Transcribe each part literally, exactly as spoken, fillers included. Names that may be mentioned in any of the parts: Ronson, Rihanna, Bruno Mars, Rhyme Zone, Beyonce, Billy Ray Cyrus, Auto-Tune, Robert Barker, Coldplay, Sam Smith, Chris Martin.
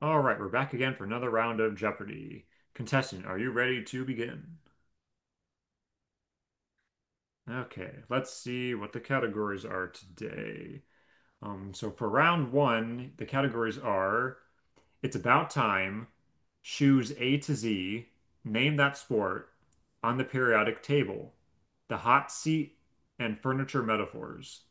All right, we're back again for another round of Jeopardy. Contestant, are you ready to begin? Okay, let's see what the categories are today. Um, so for round one, the categories are It's About Time, Shoes A to Z, Name That Sport, On the Periodic Table, The Hot Seat, and Furniture Metaphors.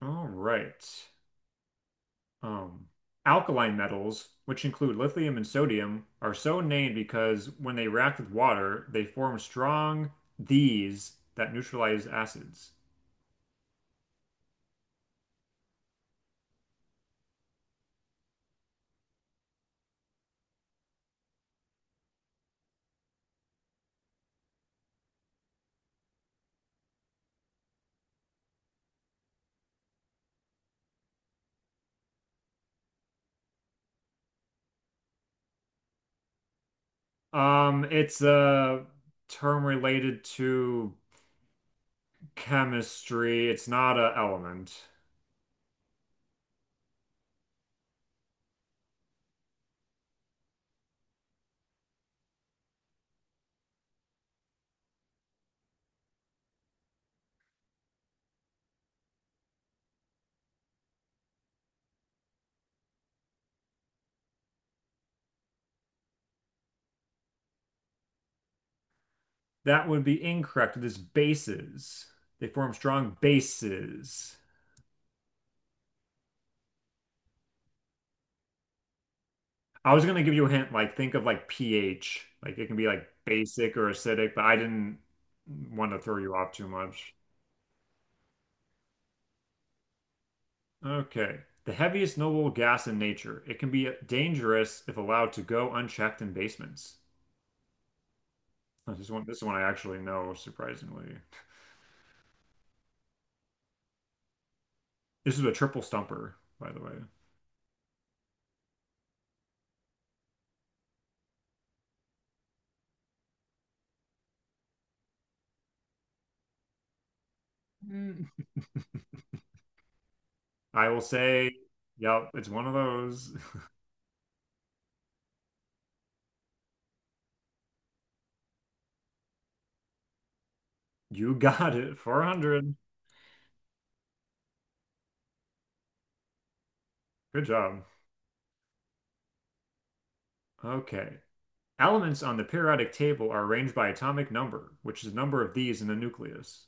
All right. Um, Alkaline metals, which include lithium and sodium, are so named because when they react with water, they form strong Ds that neutralize acids. Um, it's a term related to chemistry. It's not an element. That would be incorrect. It is bases. They form strong bases. I was gonna give you a hint, like think of like pH. Like it can be like basic or acidic, but I didn't want to throw you off too much. Okay. The heaviest knowable gas in nature. It can be dangerous if allowed to go unchecked in basements. Huh. This is one, this is one I actually know, surprisingly. This is a triple stumper, by the way. Mm. I will say, yep, it's one of those. You got it. four hundred. Good job. Okay. Elements on the periodic table are arranged by atomic number, which is the number of these in the nucleus.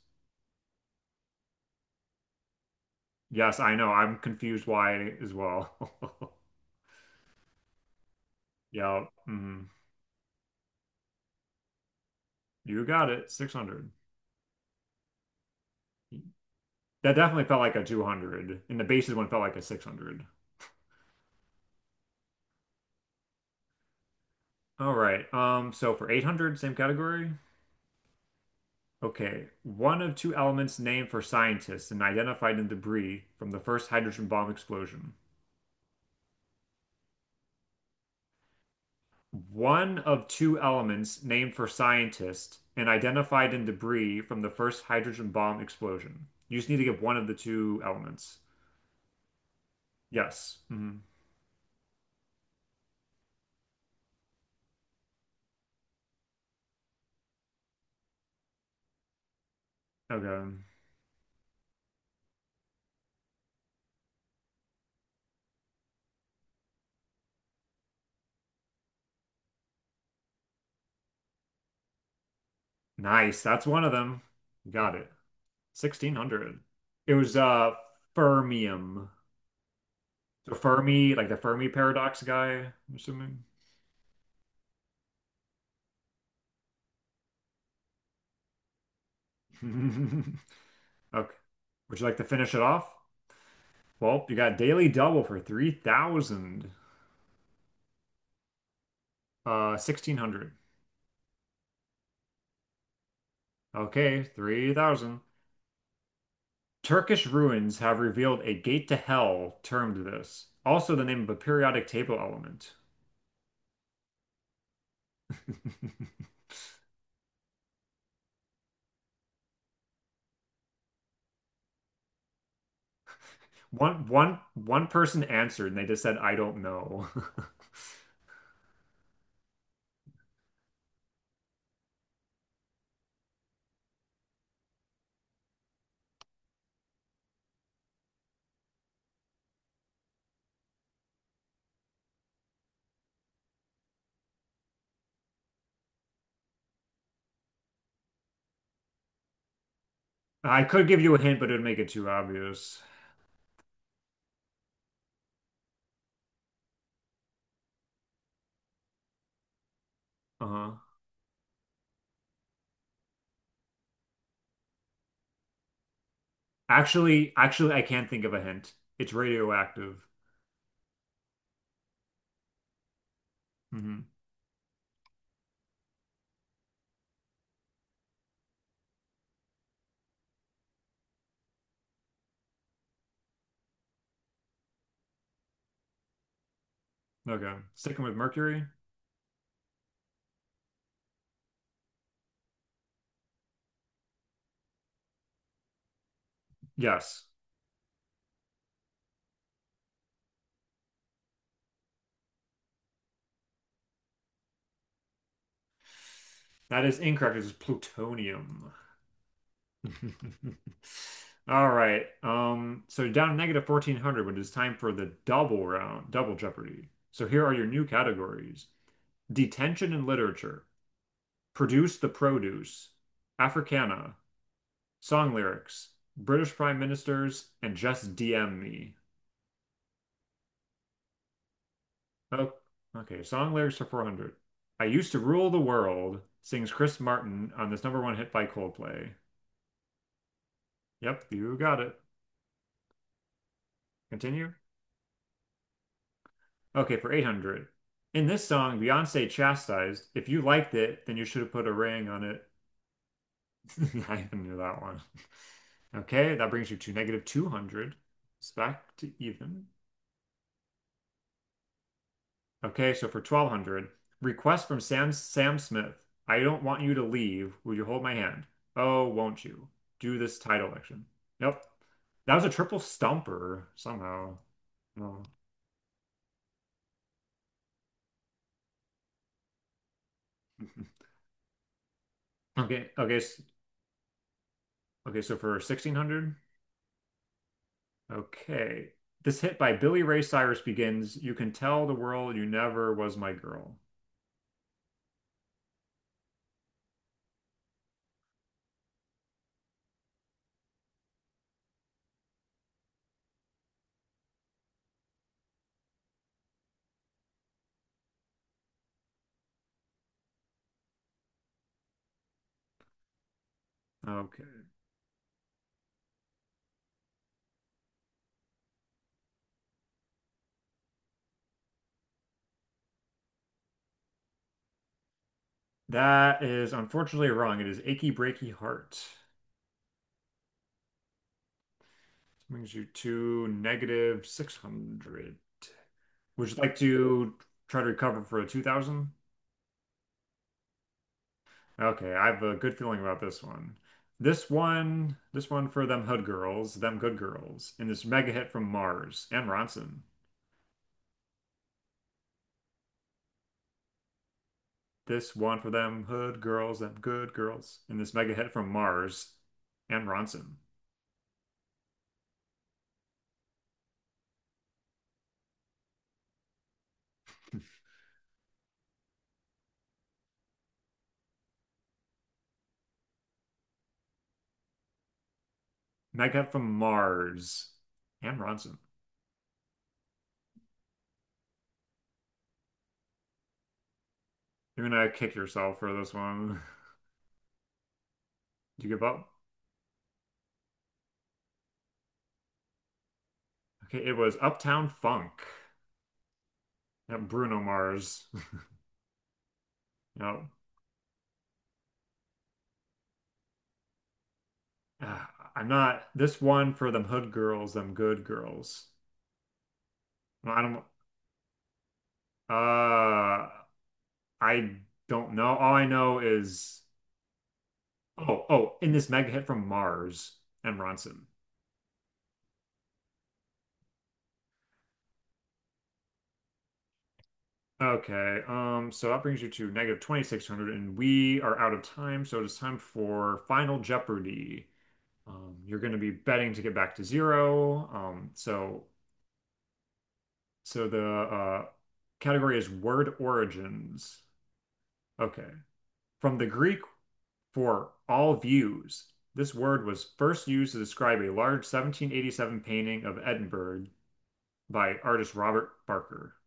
Yes, I know. I'm confused why as well. Yep. Mhm. You got it. six hundred. That definitely felt like a two hundred, and the bases one felt like a six hundred. All right. Um, so for eight hundred, same category. Okay. One of two elements named for scientists and identified in debris from the first hydrogen bomb explosion. One of two elements named for scientists and identified in debris from the first hydrogen bomb explosion. You just need to give one of the two elements. Yes. Hmm. Okay. Nice. That's one of them. Got it. sixteen hundred. It was uh fermium. So Fermi, like the Fermi paradox guy, I'm assuming. Okay. Would you like to finish it off? Well, you got daily double for three thousand. Uh, sixteen hundred. Okay, three thousand. Turkish ruins have revealed a gate to hell termed this. Also the name of a periodic table element. One one one person answered and they just said, I don't know. I could give you a hint, but it would make it too obvious. Uh-huh. Actually, actually, I can't think of a hint. It's radioactive. Hmm. Okay. Sticking with mercury? Yes. That is incorrect. It's plutonium. All right. Um, so down to negative fourteen hundred when it is time for the double round, double Jeopardy. So here are your new categories. Detention and Literature. Produce the Produce. Africana. Song Lyrics, British Prime Ministers, and Just D M Me. Oh, okay. Song lyrics are four hundred. I used to rule the world, sings Chris Martin on this number one hit by Coldplay. Yep, you got it. Continue. Okay, for eight hundred. In this song, Beyonce chastised, if you liked it, then you should have put a ring on it. I even knew that one. Okay, that brings you to negative two hundred. It's back to even. Okay, so for twelve hundred, request from Sam Sam Smith. I don't want you to leave. Would you hold my hand? Oh, won't you? Do this title election. Yep. That was a triple stumper somehow. No. Okay, okay, s- okay, so for sixteen hundred, okay. This hit by Billy Ray Cyrus begins, you can tell the world you never was my girl. Okay. That is unfortunately wrong. It is Achy Breaky Heart. Brings you to negative six hundred. Would you like to try to recover for a two thousand? Okay, I have a good feeling about this one. This one, this one for them hood girls, them good girls, and this mega hit from Mars and Ronson. This one for them hood girls, them good girls, and this mega hit from Mars and Ronson. Mega hit from Mars and Ronson. You're gonna kick yourself for this one. Did you give up? Okay, it was Uptown Funk. Yep, Bruno Mars. Yep. Ah, I'm not this one for them hood girls, them good girls. No, I don't uh I don't know. All I know is oh oh in this mega hit from Mars and Ronson. Okay, um, so that brings you to negative twenty-six hundred, and we are out of time, so it is time for Final Jeopardy. Um, you're going to be betting to get back to zero. Um, so, so the uh, category is word origins. Okay. From the Greek for all views. This word was first used to describe a large seventeen eighty-seven painting of Edinburgh by artist Robert Barker.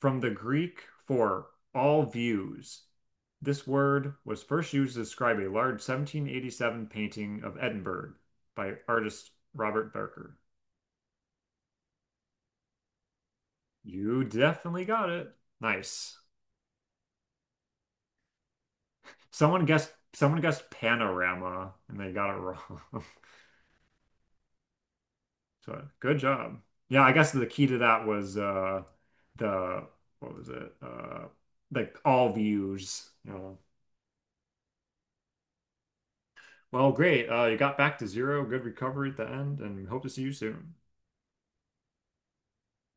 From the Greek for all views, this word was first used to describe a large seventeen eighty-seven painting of Edinburgh by artist Robert Barker. You definitely got it. Nice. Someone guessed someone guessed panorama and they got it wrong. So good job. Yeah, I guess the key to that was uh the what was it? Uh like all views, you know. Well, great. Uh you got back to zero. Good recovery at the end and hope to see you soon.